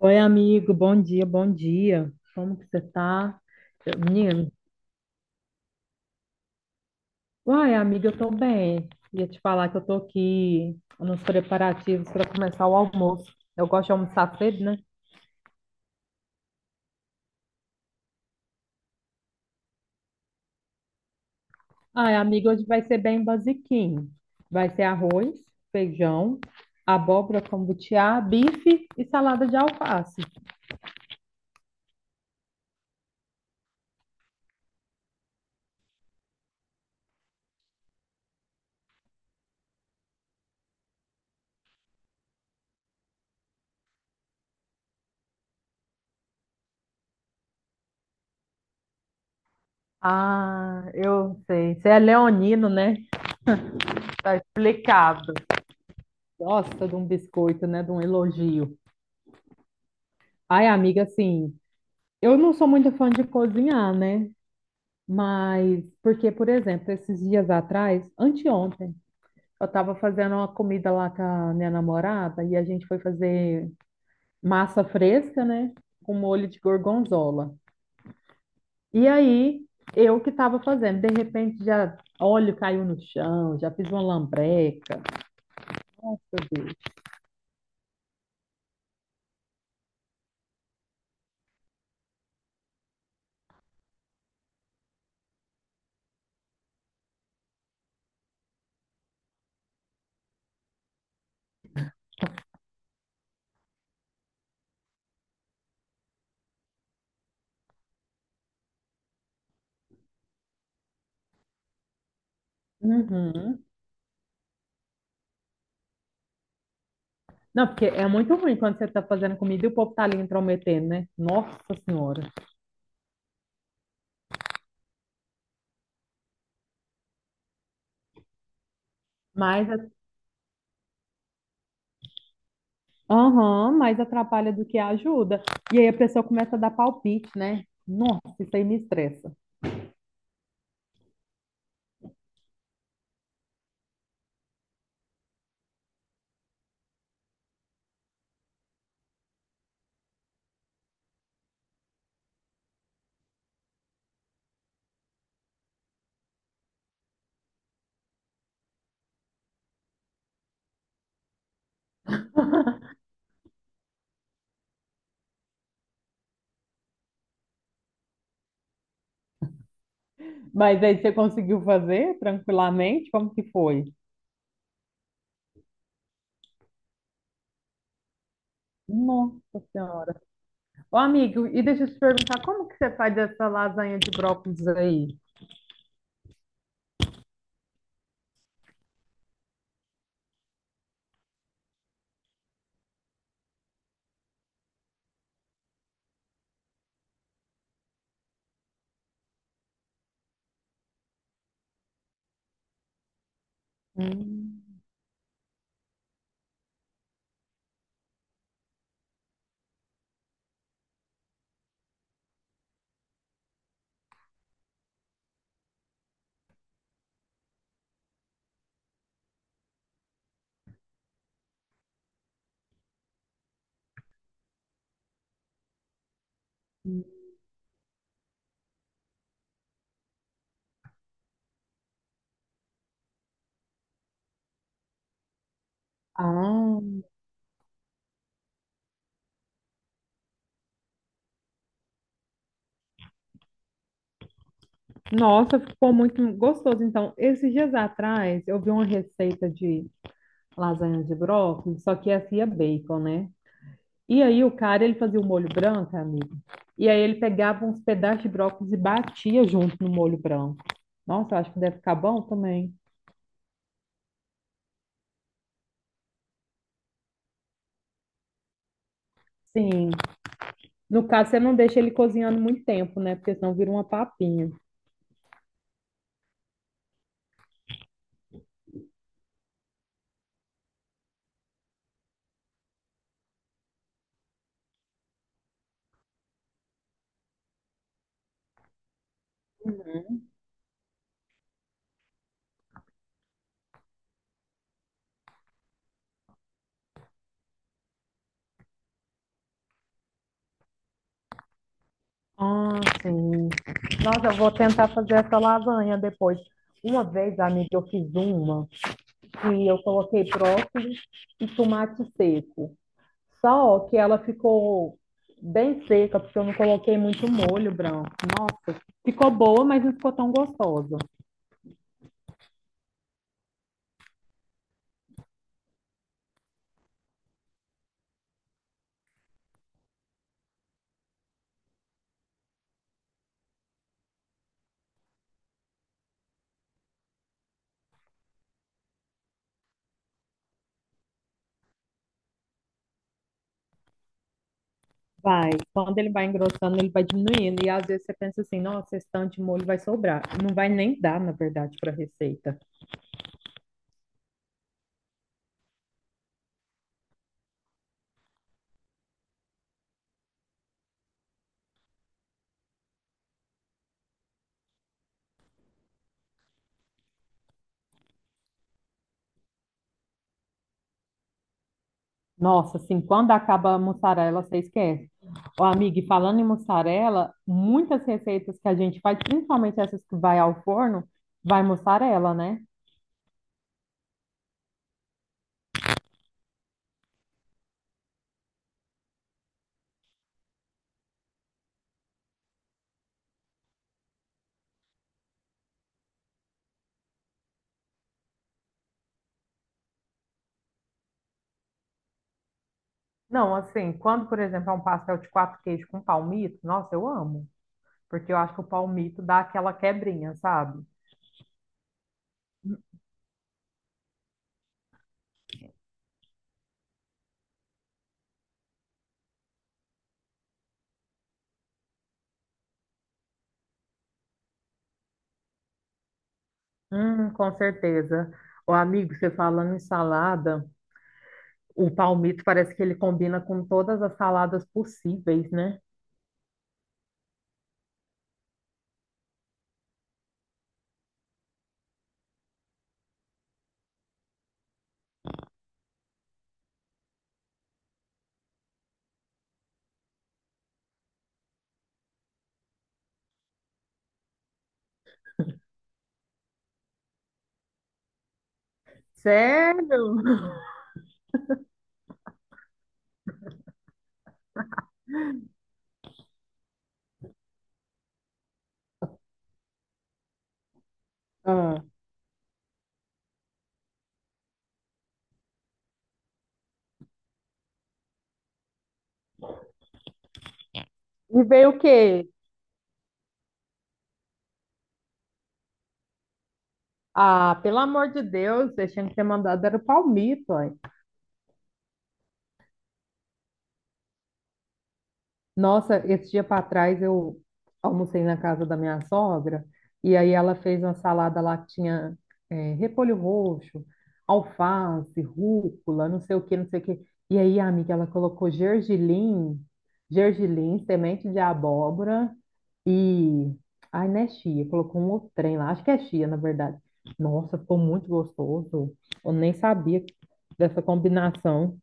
Oi, amigo, bom dia, bom dia. Como que você tá? Menino, uai, amiga, eu tô bem. Ia te falar que eu tô aqui nos preparativos para começar o almoço. Eu gosto de almoçar cedo, né? Ai, amiga, hoje vai ser bem basiquinho. Vai ser arroz, feijão, abóbora com butiá, bife e salada de alface. Ah, eu sei. Você é leonino, né? Explicado. Gosta de um biscoito, né? De um elogio. Ai, amiga, assim. Eu não sou muito fã de cozinhar, né? Mas, porque, por exemplo, esses dias atrás, anteontem, eu estava fazendo uma comida lá com a minha namorada e a gente foi fazer massa fresca, né? Com molho de gorgonzola. E aí, eu que estava fazendo, de repente já óleo caiu no chão, já fiz uma lambreca. Nossa, meu Deus. Uhum. Não, porque é muito ruim quando você está fazendo comida e o povo tá ali intrometendo, né? Nossa Senhora. Mas aham, mais atrapalha do que ajuda. E aí a pessoa começa a dar palpite, né? Nossa, isso aí me estressa. Mas aí você conseguiu fazer tranquilamente? Como que foi? Nossa Senhora. Ô, amigo, e deixa eu te perguntar, como que você faz essa lasanha de brócolis aí? Hum. Ah, nossa, ficou muito gostoso. Então, esses dias atrás, eu vi uma receita de lasanha de brócolis, só que essa ia bacon, né? E aí, o cara, ele fazia o molho branco, amigo. E aí, ele pegava uns pedaços de brócolis e batia junto no molho branco. Nossa, eu acho que deve ficar bom também. Sim. No caso, você não deixa ele cozinhando muito tempo, né? Porque senão vira uma papinha. Ah, sim. Nossa, eu vou tentar fazer essa lasanha depois. Uma vez, amiga, eu fiz uma. E eu coloquei brócolis e tomate seco. Só que ela ficou bem seca, porque eu não coloquei muito molho branco. Nossa, ficou boa, mas não ficou tão gostosa. Vai, quando ele vai engrossando, ele vai diminuindo. E às vezes você pensa assim, nossa, esse tanto de molho vai sobrar. Não vai nem dar, na verdade, para a receita. Nossa, assim, quando acaba a mussarela, você esquece. Ó, amiga, e falando em mussarela, muitas receitas que a gente faz, principalmente essas que vai ao forno, vai mussarela, né? Não, assim, quando, por exemplo, é um pastel de quatro queijos com palmito, nossa, eu amo. Porque eu acho que o palmito dá aquela quebrinha, sabe? Com certeza. O amigo, você falando em salada, o palmito parece que ele combina com todas as saladas possíveis, né? Sério? Ah. E veio o quê? Ah, pelo amor de Deus, eu tinha que ter mandado era o palmito, ó. Nossa, esse dia para trás eu almocei na casa da minha sogra e aí ela fez uma salada lá que tinha é, repolho roxo, alface, rúcula, não sei o que, não sei o que. E aí, amiga, ela colocou gergelim, gergelim, semente de abóbora e... Ai, não é chia, colocou um outro trem lá, acho que é chia, na verdade. Nossa, ficou muito gostoso. Eu nem sabia dessa combinação.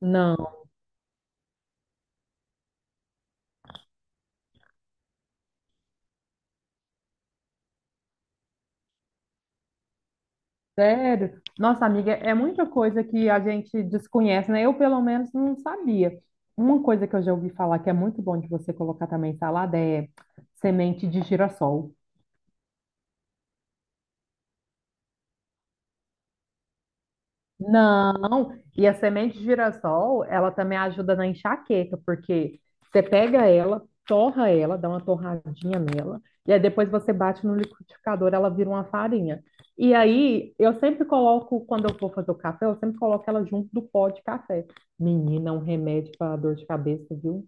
Não. Sério? Nossa, amiga, é muita coisa que a gente desconhece, né? Eu, pelo menos, não sabia. Uma coisa que eu já ouvi falar que é muito bom de você colocar também em salada é semente de girassol. Não, e a semente de girassol, ela também ajuda na enxaqueca, porque você pega ela, torra ela, dá uma torradinha nela, e aí depois você bate no liquidificador, ela vira uma farinha. E aí, eu sempre coloco, quando eu vou fazer o café, eu sempre coloco ela junto do pó de café. Menina, é um remédio para dor de cabeça, viu?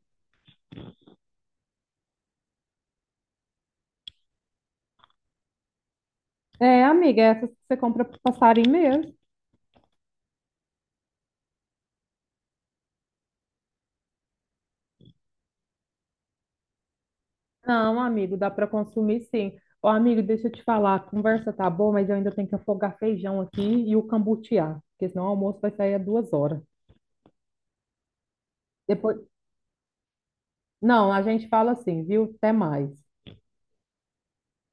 É, amiga, essas que você compra pro passarinho mesmo. Não, amigo, dá para consumir sim. Ô, amigo, deixa eu te falar, a conversa tá boa, mas eu ainda tenho que afogar feijão aqui e o cambutear, porque senão o almoço vai sair a 2 horas. Depois, não, a gente fala assim, viu? Até mais.